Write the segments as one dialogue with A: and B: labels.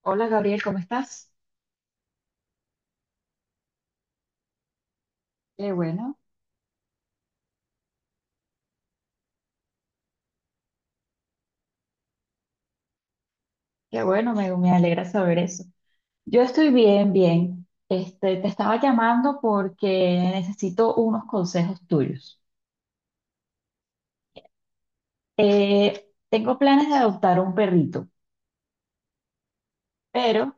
A: Hola Gabriel, ¿cómo estás? Qué bueno, qué bueno, me alegra saber eso. Yo estoy bien, bien. Este, te estaba llamando porque necesito unos consejos tuyos. Tengo planes de adoptar un perrito, pero,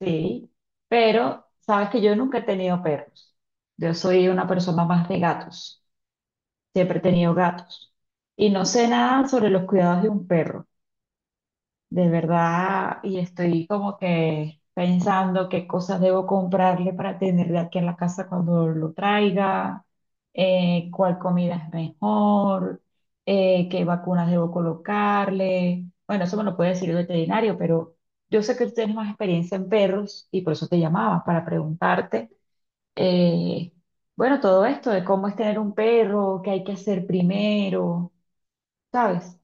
A: sí, pero sabes que yo nunca he tenido perros. Yo soy una persona más de gatos, siempre he tenido gatos y no sé nada sobre los cuidados de un perro. De verdad, y estoy como que pensando qué cosas debo comprarle para tenerle aquí en la casa cuando lo traiga, cuál comida es mejor, qué vacunas debo colocarle. Bueno, eso me lo puede decir el veterinario, pero yo sé que tú tienes más experiencia en perros y por eso te llamaba, para preguntarte, eh, bueno, todo esto de cómo es tener un perro, qué hay que hacer primero, ¿sabes?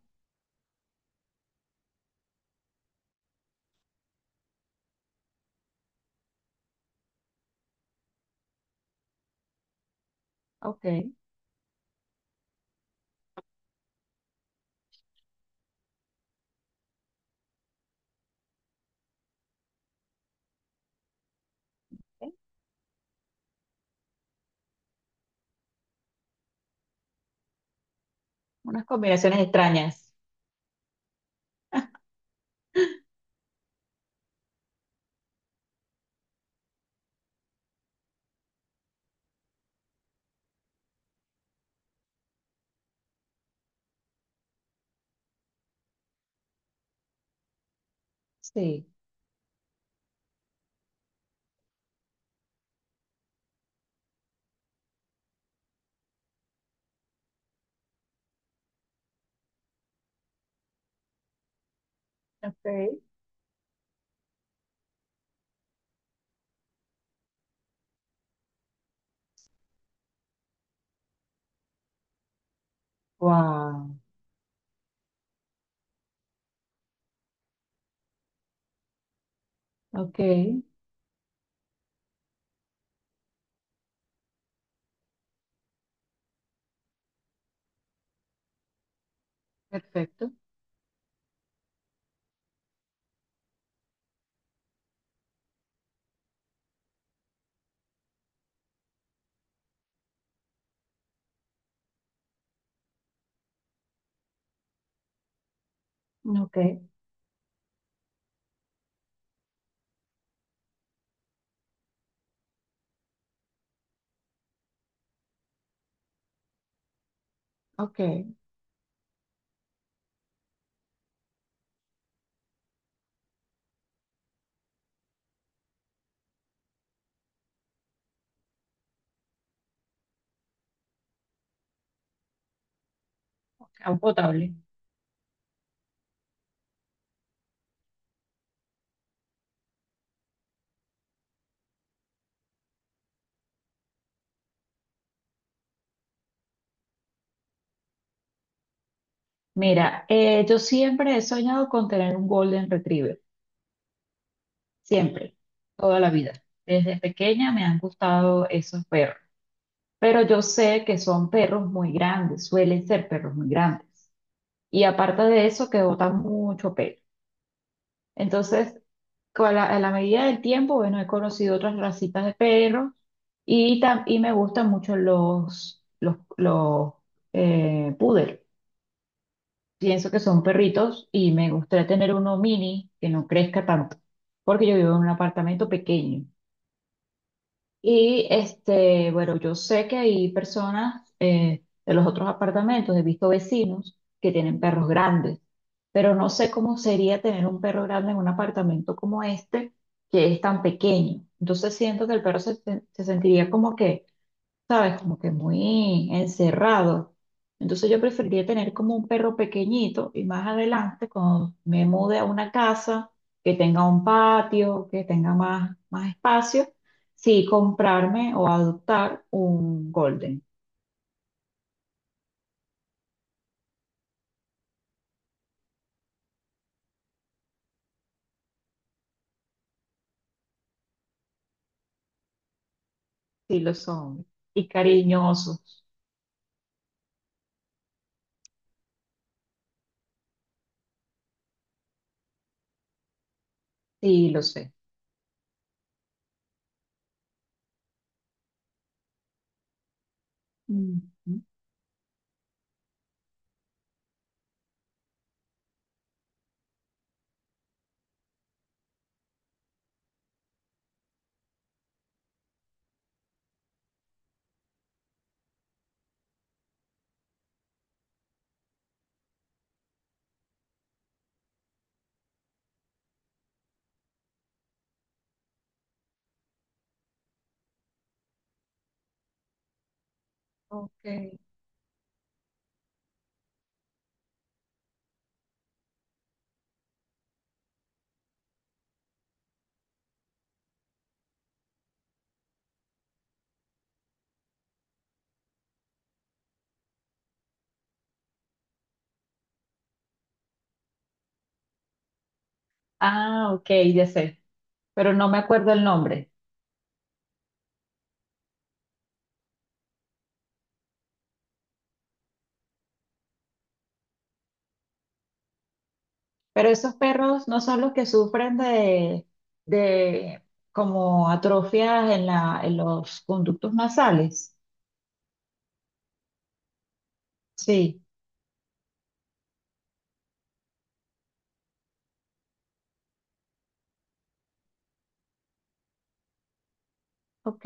A: Ok, ok, unas combinaciones extrañas. Sí. Ok. Wow. Ok. Perfecto. Ok. Ok. Ah, potable. Mira, yo siempre he soñado con tener un Golden Retriever. Siempre. Toda la vida. Desde pequeña me han gustado esos perros. Pero yo sé que son perros muy grandes. Suelen ser perros muy grandes. Y aparte de eso, que botan mucho pelo. Entonces, a la medida del tiempo, bueno, he conocido otras racitas de perros y, y me gustan mucho los poodle. Pienso que son perritos y me gustaría tener uno mini que no crezca tanto, porque yo vivo en un apartamento pequeño. Y este, bueno, yo sé que hay personas de los otros apartamentos, he visto vecinos que tienen perros grandes, pero no sé cómo sería tener un perro grande en un apartamento como este, que es tan pequeño. Entonces siento que el perro se sentiría como que ¿sabes? Como que muy encerrado. Entonces yo preferiría tener como un perro pequeñito y más adelante, cuando me mude a una casa que tenga un patio, que tenga más espacio, sí comprarme o adoptar un golden. Sí lo son. Y cariñosos. Sí lo sé. Ujú. Ok. Ah, ok, ya sé. Pero no me acuerdo el nombre. Pero esos perros no son los que sufren de como atrofias en en los conductos nasales. Sí, ok,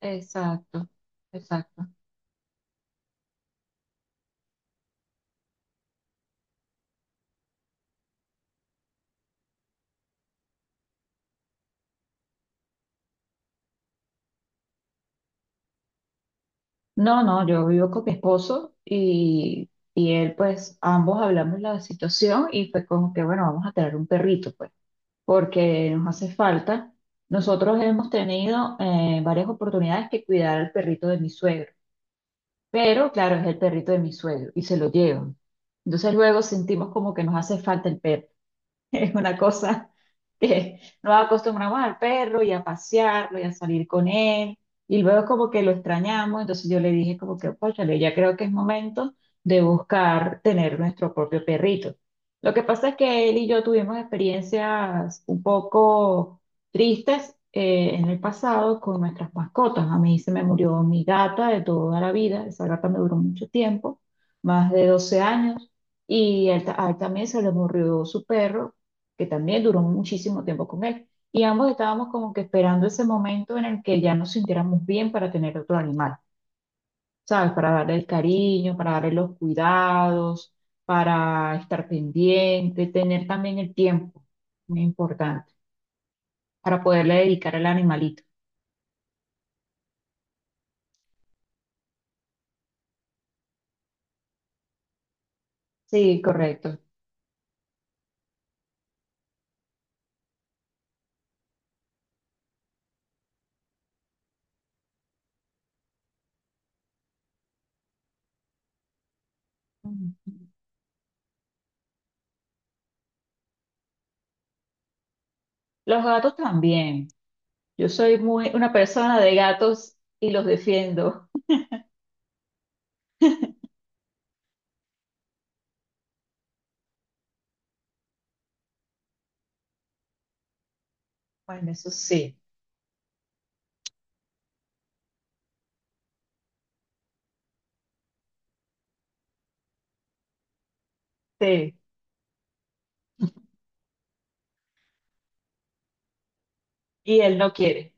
A: exacto, exacto. No, no, yo vivo con mi esposo y él, pues, ambos hablamos la situación y fue como que, bueno, vamos a tener un perrito, pues, porque nos hace falta. Nosotros hemos tenido varias oportunidades que cuidar al perrito de mi suegro. Pero claro, es el perrito de mi suegro y se lo llevan. Entonces luego sentimos como que nos hace falta el perro. Es una cosa que nos acostumbramos al perro y a pasearlo y a salir con él. Y luego como que lo extrañamos, entonces yo le dije como que, cónchale, ya creo que es momento de buscar tener nuestro propio perrito. Lo que pasa es que él y yo tuvimos experiencias un poco tristes en el pasado con nuestras mascotas. A mí se me murió mi gata de toda la vida, esa gata me duró mucho tiempo, más de 12 años. Y a él también se le murió su perro que también duró muchísimo tiempo con él. Y ambos estábamos como que esperando ese momento en el que ya nos sintiéramos bien para tener otro animal, ¿sabes? Para darle el cariño, para darle los cuidados, para estar pendiente, tener también el tiempo, muy importante, para poderle dedicar al animalito. Sí, correcto. Ujú. Los gatos también. Yo soy muy una persona de gatos y los defiendo. Bueno, eso sí, sí. Y él no quiere.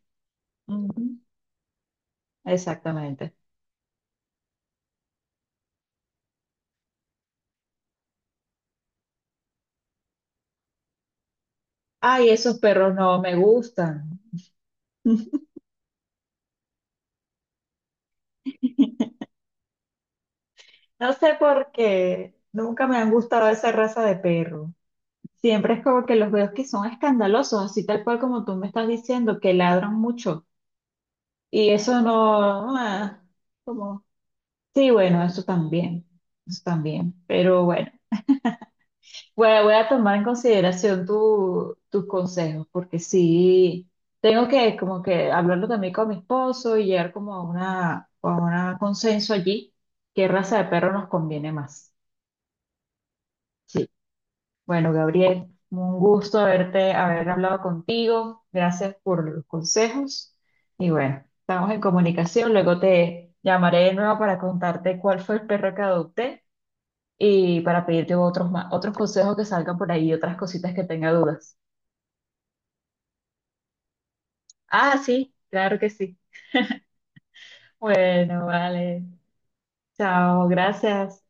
A: Ujú, exactamente. Ay, esos perros no me gustan. No sé por qué, nunca me han gustado esa raza de perro. Siempre es como que los veo que son escandalosos, así tal cual como tú me estás diciendo, que ladran mucho. Y eso no, ah, como, sí, bueno, eso también, eso también. Pero bueno. Voy a tomar en consideración tus consejos, porque sí, tengo que como que hablarlo también con mi esposo y llegar como a a una consenso allí, qué raza de perro nos conviene más. Sí. Bueno, Gabriel, un gusto haber hablado contigo. Gracias por los consejos. Y bueno, estamos en comunicación. Luego te llamaré de nuevo para contarte cuál fue el perro que adopté y para pedirte otros consejos que salgan por ahí y otras cositas que tenga dudas. Ah, sí, claro que sí. Bueno, vale. Chao, gracias.